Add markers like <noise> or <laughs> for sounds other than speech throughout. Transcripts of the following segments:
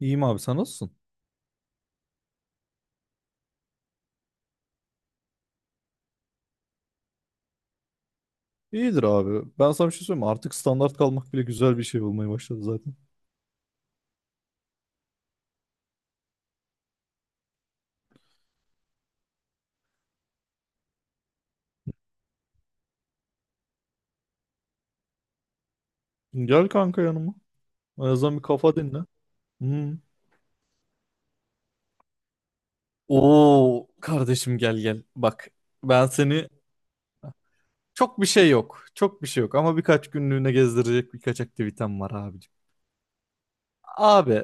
İyiyim abi, sen nasılsın? İyidir abi. Ben sana bir şey söyleyeyim mi? Artık standart kalmak bile güzel bir şey olmaya başladı zaten. Gel kanka yanıma. En azından bir kafa dinle. Hmm. Oo kardeşim, gel gel. Bak, ben seni çok bir şey yok. Çok bir şey yok ama birkaç günlüğüne gezdirecek birkaç aktivitem var abicim. Abi,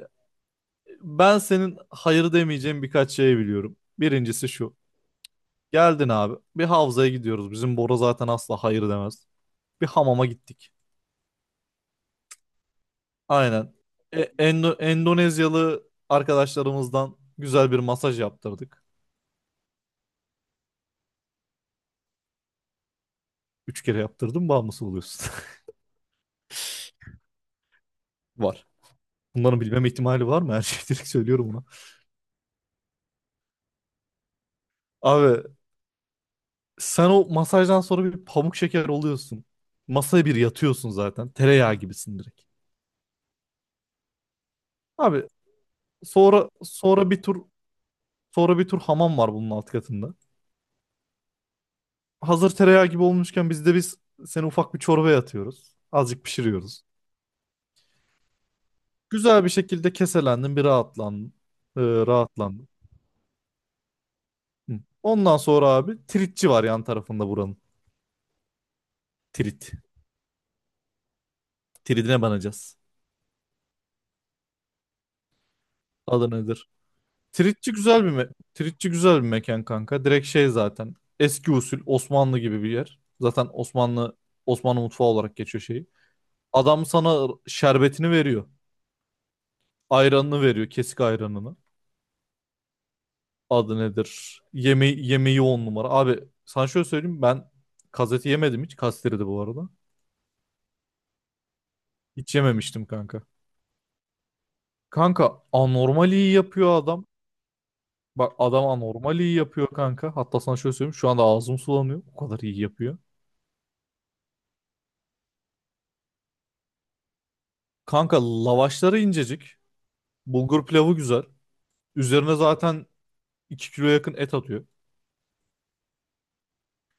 ben senin hayır demeyeceğin birkaç şey biliyorum. Birincisi şu. Geldin abi. Bir havzaya gidiyoruz. Bizim Bora zaten asla hayır demez. Bir hamama gittik. Aynen. Endonezyalı arkadaşlarımızdan güzel bir masaj yaptırdık. Üç kere yaptırdım, bağımlısı oluyorsun. <laughs> Var. Bunların bilmem ihtimali var mı? Her şeyi direkt söylüyorum buna. Abi, sen o masajdan sonra bir pamuk şeker oluyorsun. Masaya bir yatıyorsun zaten. Tereyağı gibisin direkt. Abi, sonra bir tur sonra bir tur hamam var bunun alt katında. Hazır tereyağı gibi olmuşken biz seni ufak bir çorbaya atıyoruz. Azıcık pişiriyoruz. Güzel bir şekilde keselendim, bir rahatlandım. Rahatlandım. Hı. Ondan sonra abi, tritçi var yan tarafında buranın. Trit. Tridine banacağız. Adı nedir? Tritçi güzel bir me Tritçi güzel bir mekan kanka. Direkt şey zaten. Eski usul Osmanlı gibi bir yer. Zaten Osmanlı Osmanlı mutfağı olarak geçiyor şeyi. Adam sana şerbetini veriyor. Ayranını veriyor, kesik ayranını. Adı nedir? Yeme yemeği on numara. Abi, sana şöyle söyleyeyim, ben kazeti yemedim hiç. Kastiri de bu arada. Hiç yememiştim kanka. Kanka, anormal iyi yapıyor adam. Bak, adam anormal iyi yapıyor kanka. Hatta sana şöyle söyleyeyim. Şu anda ağzım sulanıyor. O kadar iyi yapıyor. Kanka, lavaşları incecik. Bulgur pilavı güzel. Üzerine zaten 2 kilo yakın et atıyor.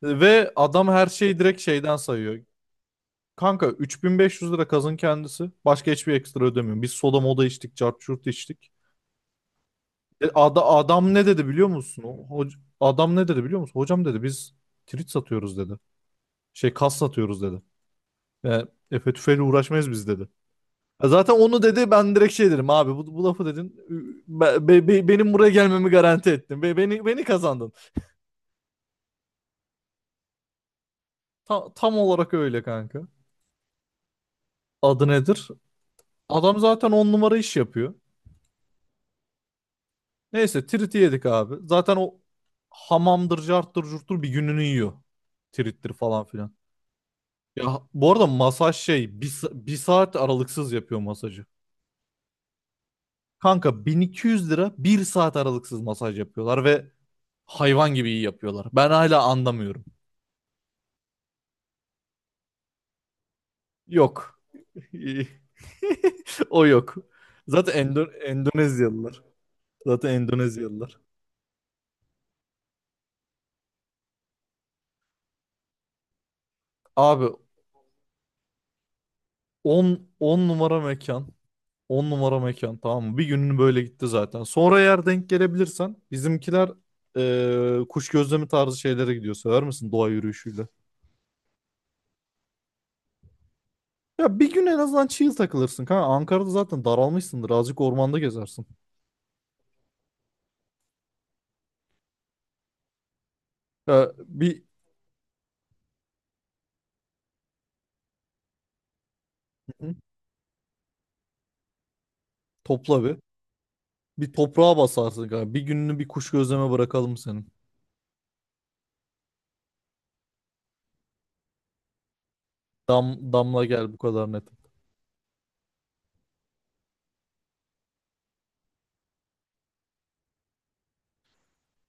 Ve adam her şeyi direkt şeyden sayıyor. Kanka, 3500 lira kazın kendisi. Başka hiçbir ekstra ödemiyorum. Biz soda moda içtik, cart curt içtik. Adam ne dedi biliyor musun? Adam ne dedi biliyor musun? Hocam dedi, biz trit satıyoruz dedi. Şey kas satıyoruz dedi. Yani Efe tüfeğiyle uğraşmayız biz dedi. Ya zaten onu dedi, ben direkt şey dedim: abi bu lafı dedin, benim buraya gelmemi garanti ettin. Beni kazandın. Tam olarak öyle kanka. Adı nedir? Adam zaten on numara iş yapıyor. Neyse, triti yedik abi. Zaten o hamamdır, carttır, curttur bir gününü yiyor. Trittir falan filan. Ya bu arada masaj şey bir saat aralıksız yapıyor masajı. Kanka, 1200 lira bir saat aralıksız masaj yapıyorlar ve hayvan gibi iyi yapıyorlar. Ben hala anlamıyorum. Yok. <laughs> O yok. Zaten Endonezyalılar. Zaten Endonezyalılar. Abi, 10 numara mekan. 10 numara mekan, tamam mı? Bir günün böyle gitti zaten. Sonra eğer denk gelebilirsen, bizimkiler kuş gözlemi tarzı şeylere gidiyor. Sever misin doğa yürüyüşüyle? Ya bir gün en azından chill takılırsın. Kanka Ankara'da zaten daralmışsındır. Azıcık ormanda gezersin. Ya bir Hı hı. Topla bir. Bir toprağa basarsın kanka. Bir gününü bir kuş gözleme bırakalım senin. Dam, damla gel, bu kadar net.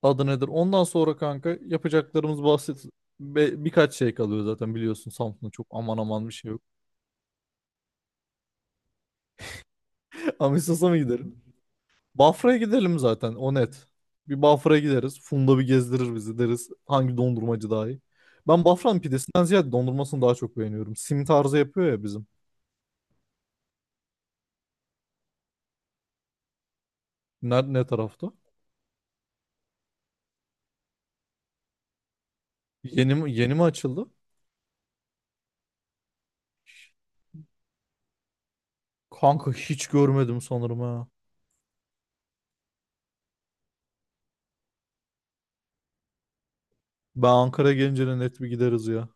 Adı nedir? Ondan sonra kanka, yapacaklarımız basit. Birkaç şey kalıyor zaten, biliyorsun Samsun'da çok aman aman bir şey yok. <laughs> Amistosa mı gidelim? Bafra'ya gidelim zaten, o net. Bir Bafra'ya gideriz. Funda bir gezdirir bizi deriz. Hangi dondurmacı daha iyi? Ben Bafra'nın pidesinden ziyade dondurmasını daha çok beğeniyorum. Sim tarzı yapıyor ya bizim. Ne tarafta? Yeni mi açıldı? Kanka, hiç görmedim sanırım ha. Ben Ankara gelince de net bir gideriz ya.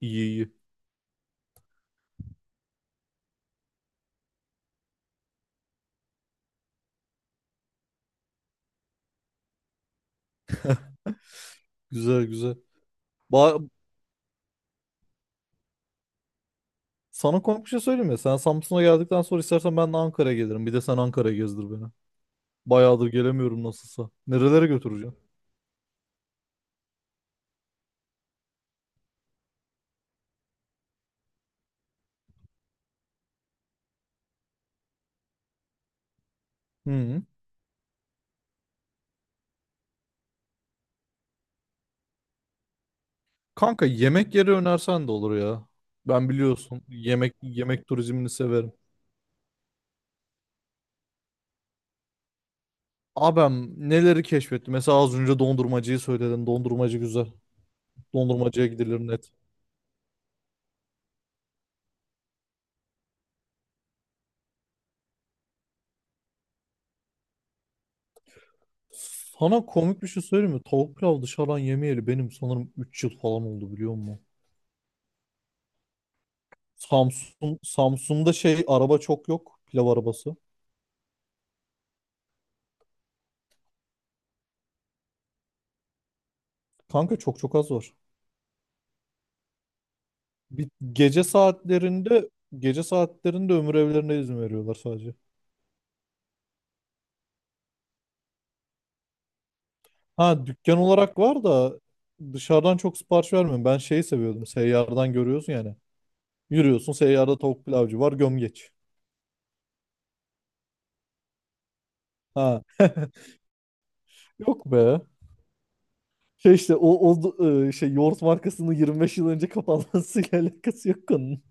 İyi iyi. Güzel güzel. Ba- Sana komik bir şey söyleyeyim ya. Sen Samsun'a geldikten sonra istersen ben de Ankara'ya gelirim. Bir de sen Ankara'ya gezdir beni. Bayağıdır gelemiyorum nasılsa. Nerelere götüreceğim? Hı hı. Kanka, yemek yeri önersen de olur ya. Ben biliyorsun, yemek yemek turizmini severim. Abem neleri keşfetti? Mesela az önce dondurmacıyı söyledin. Dondurmacı güzel. Dondurmacıya gidilir, net. Sana komik bir şey söyleyeyim mi? Tavuk pilav dışarıdan yemeyeli benim sanırım 3 yıl falan oldu, biliyor musun? Samsun'da şey araba çok yok. Pilav arabası. Kanka, çok çok az var. Bir, gece saatlerinde ömür evlerine izin veriyorlar sadece. Ha dükkan olarak var da, dışarıdan çok sipariş vermiyorum. Ben şeyi seviyordum. Seyyardan görüyorsun yani. Yürüyorsun, seyyarda tavuk pilavcı var gömgeç. Ha. <laughs> Yok be. Şey işte o, Şey, yoğurt markasının 25 yıl önce kapanmasıyla <laughs> alakası yok konunun.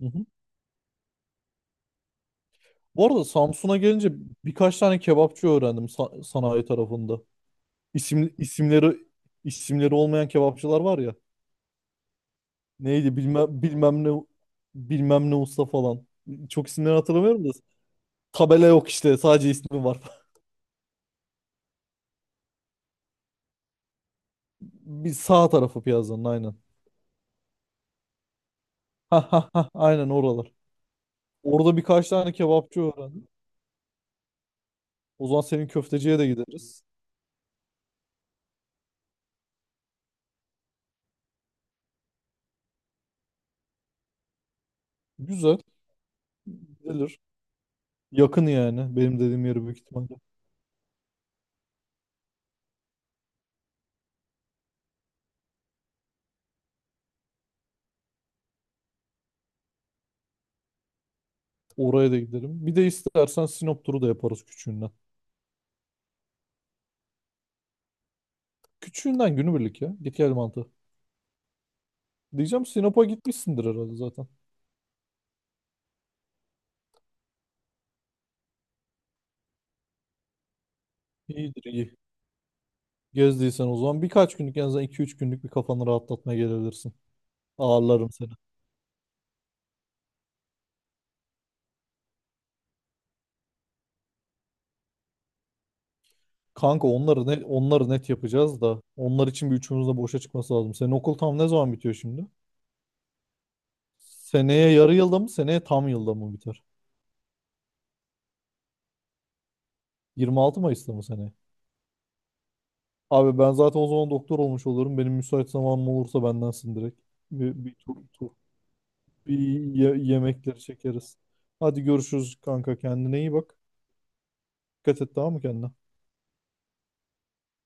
Hı hı. Bu arada Samsun'a gelince, birkaç tane kebapçı öğrendim sanayi tarafında. İsim, isimleri isimleri olmayan kebapçılar var ya. Neydi bilmem bilmem ne usta falan. Çok isimleri hatırlamıyorum da. Tabela yok işte, sadece ismi var. <laughs> Bir sağ tarafı piyazanın, aynen. Ha ha ha, aynen oralar. Orada birkaç tane kebapçı öğrendim. O zaman senin köfteciye de gideriz. Güzel. Gidilir. Yakın yani. Benim dediğim yere büyük ihtimalle. Oraya da gidelim. Bir de istersen Sinop turu da yaparız küçüğünden. Küçüğünden günübirlik ya. Git gel mantığı. Diyeceğim, Sinop'a gitmişsindir herhalde zaten. İyidir iyi. Gezdiysen o zaman birkaç günlük, en azından iki üç günlük bir kafanı rahatlatmaya gelebilirsin. Ağırlarım seni. Onları net yapacağız da onlar için bir üçümüz de boşa çıkması lazım. Senin okul tam ne zaman bitiyor şimdi? Seneye yarı yılda mı? Seneye tam yılda mı biter? 26 Mayıs'ta mı seneye? Abi ben zaten o zaman doktor olmuş olurum. Benim müsait zamanım olursa bendensin direkt. Bir, bir tur, tur- bir Yemekleri çekeriz. Hadi görüşürüz kanka, kendine iyi bak. Dikkat et tamam mı kendine?